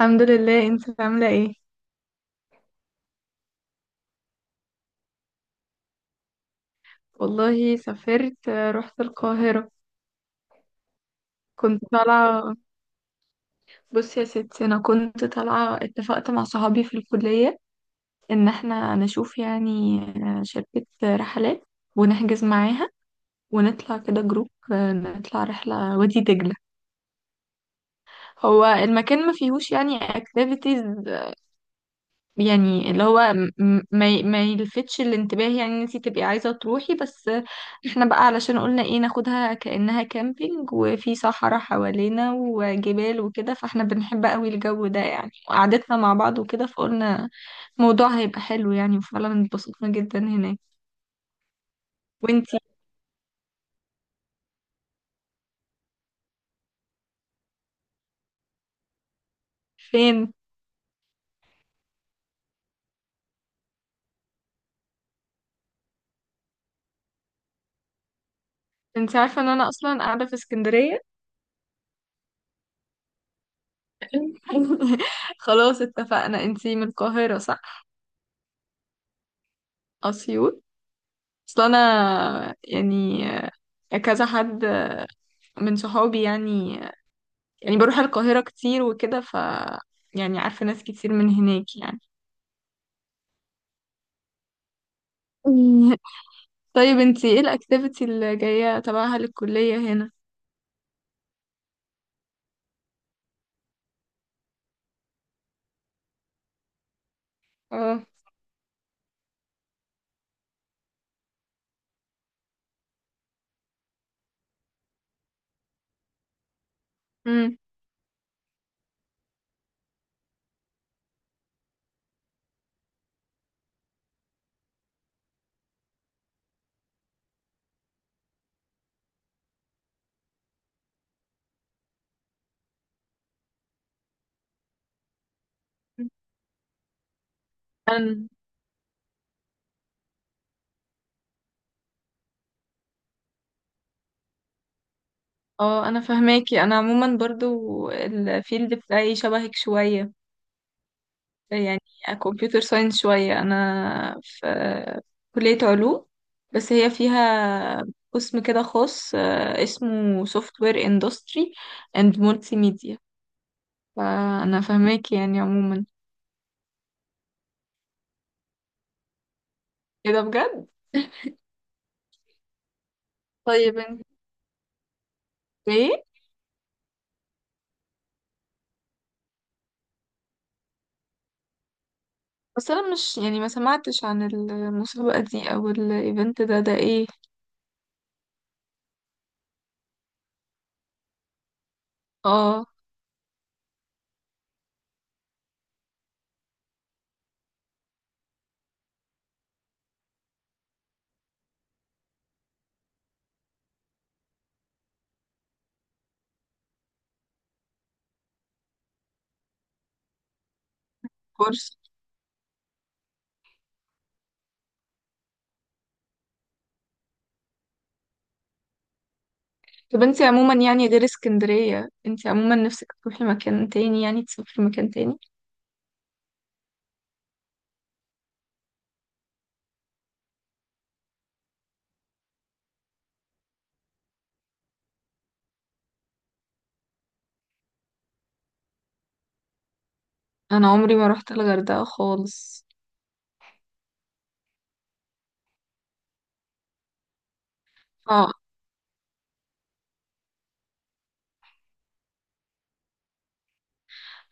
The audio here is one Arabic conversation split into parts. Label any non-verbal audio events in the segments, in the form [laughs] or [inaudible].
الحمد لله. انت عاملة ايه؟ والله سافرت رحت القاهرة. كنت طالعة. بصي يا ستي انا كنت طالعة، اتفقت مع صحابي في الكلية ان احنا نشوف، يعني شركة رحلات، ونحجز معاها ونطلع كده جروب. نطلع رحلة وادي دجلة. هو المكان ما فيهوش يعني اكتيفيتيز، يعني اللي هو ما يلفتش الانتباه، يعني ان انتي تبقي عايزة تروحي بس. احنا بقى علشان قلنا ايه، ناخدها كأنها كامبينج، وفي صحراء حوالينا وجبال وكده، فاحنا بنحب قوي الجو ده يعني، وقعدتنا مع بعض وكده، فقلنا الموضوع هيبقى حلو يعني، وفعلا اتبسطنا جدا هناك. وانتي؟ فين؟ انتي عارفة ان انا اصلا قاعدة في اسكندرية. [laughs] خلاص، اتفقنا. انتي من القاهرة، صح؟ اسيوط. اصل انا يعني كذا حد من صحابي يعني، يعني بروح القاهرة كتير وكده، ف يعني عارفة ناس كتير من هناك يعني. [laughs] طيب انتي ايه الاكتيفيتي اللي جاية تبعها للكلية هنا؟ اه. امم. انا، اه انا فهماكي. انا عموما برضو الفيلد بتاعي شبهك شوية، يعني كمبيوتر ساينس شوية. انا في كلية علوم، بس هي فيها قسم كده خاص، اسمه سوفت وير اندستري اند مولتي ميديا. فانا فاهماكي يعني عموما. ايه ده، بجد؟ طيب انت، ايه بس انا مش يعني ما سمعتش عن المسابقة دي او الايفنت ده، ده ايه؟ اه. كورس. طب انت عموما يعني غير اسكندرية، انت عموما نفسك تروحي مكان تاني؟ يعني تسافري مكان تاني. انا عمري ما رحت الغردقة خالص. اه.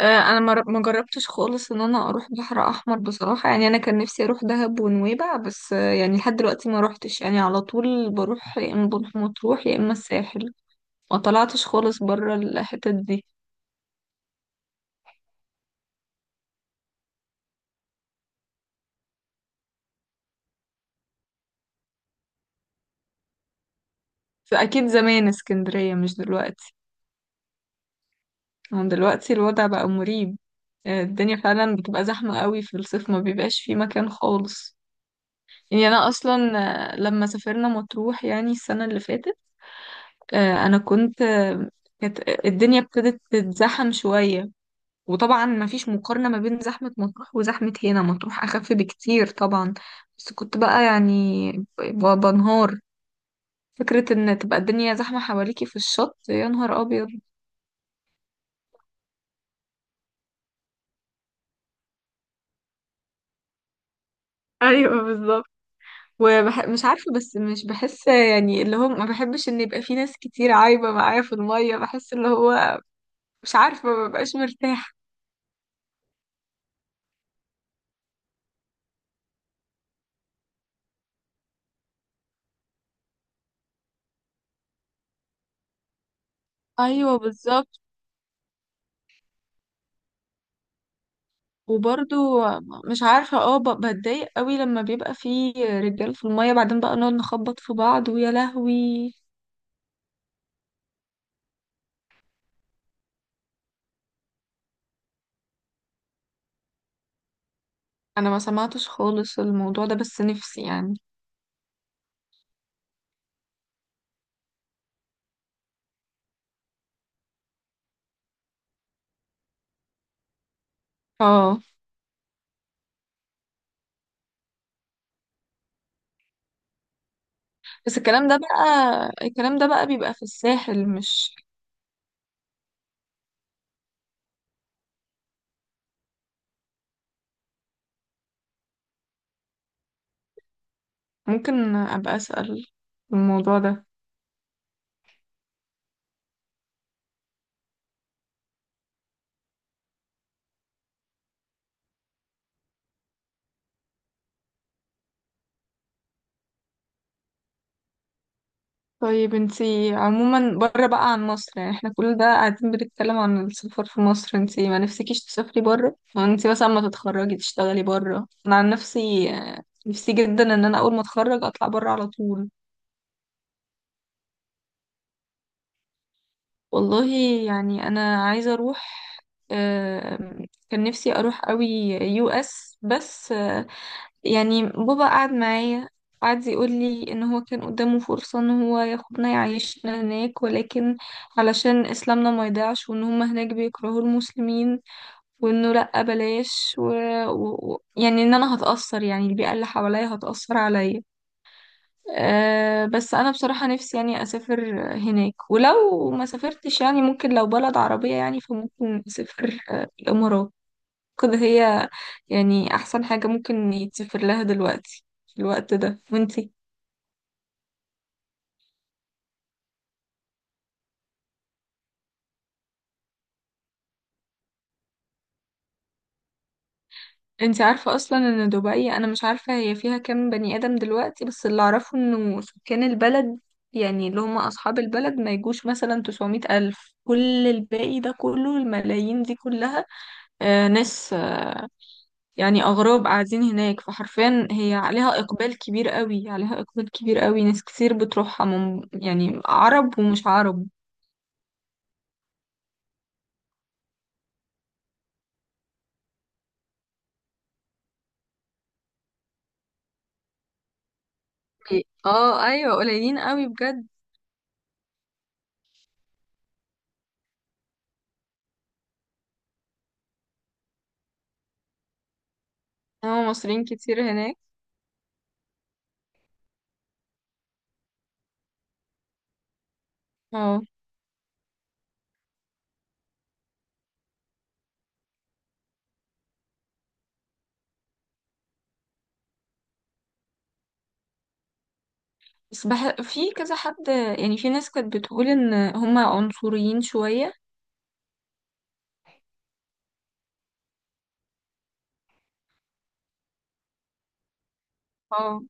انا ما جربتش خالص ان انا اروح بحر احمر بصراحة. يعني انا كان نفسي اروح دهب ونويبع، بس يعني لحد دلوقتي ما روحتش يعني. على طول بروح يا اما بروح مطروح يا اما الساحل. ما طلعتش خالص بره الحتت دي. فأكيد زمان اسكندرية، مش دلوقتي. هم دلوقتي الوضع بقى مريب. الدنيا فعلا بتبقى زحمة قوي في الصيف، ما بيبقاش فيه مكان خالص. يعني أنا أصلا، لما سافرنا مطروح يعني السنة اللي فاتت، آه، أنا كنت آه، كانت آه، الدنيا ابتدت تتزحم شوية. وطبعا ما فيش مقارنة ما بين زحمة مطروح وزحمة هنا، مطروح أخف بكتير طبعا. بس كنت بقى يعني بنهار، فكرة ان تبقى الدنيا زحمة حواليكي في الشط، يا نهار ابيض. ايوه، بالظبط. مش عارفة، بس مش بحس يعني اللي هو ما بحبش ان يبقى في ناس كتير عايبة معايا في المية. بحس اللي هو مش عارفة، ما ببقاش مرتاحة. ايوه، بالظبط. وبرضو مش عارفه، اه بتضايق قوي لما بيبقى في رجال في الميه، بعدين بقى نقعد نخبط في بعض، ويا لهوي. انا ما سمعتش خالص الموضوع ده، بس نفسي يعني. اه. بس الكلام ده بقى، الكلام ده بقى بيبقى في الساحل، مش ممكن أبقى أسأل في الموضوع ده. طيب انتي عموما بره بقى عن مصر، يعني احنا كل ده قاعدين بنتكلم عن السفر في مصر، انتي ما نفسكيش تسافري بره؟ انتي مثلا ما تتخرجي تشتغلي بره؟ انا عن نفسي نفسي جدا ان انا اول ما اتخرج اطلع بره على طول. والله، يعني انا عايزه اروح، كان نفسي اروح قوي يو اس، بس يعني بابا قعد معايا قعد يقول لي ان هو كان قدامه فرصه ان هو ياخدنا يعيشنا هناك، ولكن علشان اسلامنا ما يضيعش، وان هم هناك بيكرهوا المسلمين، وانه لا بلاش يعني ان انا هتاثر، يعني البيئه اللي حواليا هتاثر عليا. أه، بس انا بصراحة نفسي يعني اسافر هناك. ولو ما سافرتش، يعني ممكن لو بلد عربية، يعني فممكن اسافر الامارات. كده هي يعني احسن حاجة ممكن يتسافر لها دلوقتي في الوقت ده. وانتي؟ انتي عارفة اصلا ان دبي، انا مش عارفة هي فيها كام بني ادم دلوقتي، بس اللي اعرفه انه سكان البلد يعني اللي هم اصحاب البلد ما يجوش مثلا 900 الف، كل الباقي ده كله الملايين دي كلها ناس يعني أغراب قاعدين هناك. فحرفيا هي عليها إقبال كبير قوي، عليها إقبال كبير قوي، ناس كتير بتروحها من يعني عرب ومش عرب. اه ايوه، قليلين قوي بجد. اه مصريين كتير هناك. اه بس في كذا حد يعني، في ناس كانت بتقول إن هما عنصريين شوية. اه.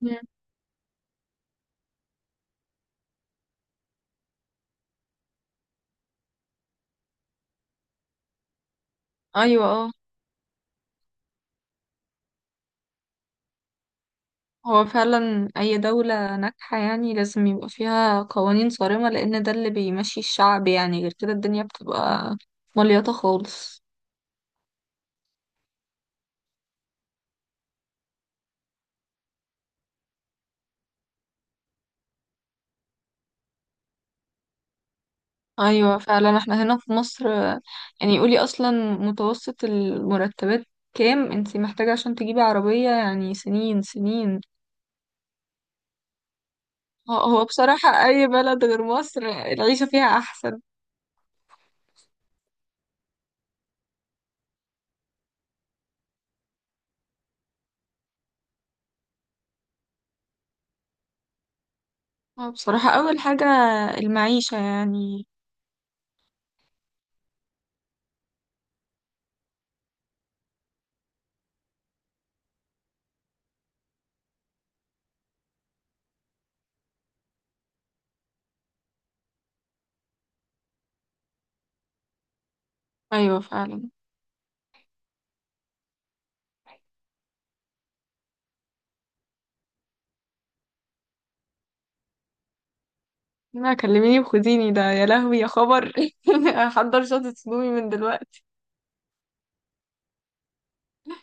مم. أيوة اه. هو فعلا أي دولة ناجحة يعني لازم يبقى فيها قوانين صارمة، لأن ده اللي بيمشي الشعب يعني. غير كده الدنيا بتبقى مليطة خالص. ايوه، فعلا. احنا هنا في مصر يعني قولي اصلا متوسط المرتبات كام انتي محتاجة عشان تجيبي عربية؟ يعني سنين سنين. هو، هو بصراحة اي بلد غير مصر العيشة فيها احسن. هو بصراحة اول حاجة المعيشة يعني. ايوه، فعلا. ما كلميني وخديني ده، يا لهوي يا خبر. [laughs] هحضر شنطة هدومي من دلوقتي.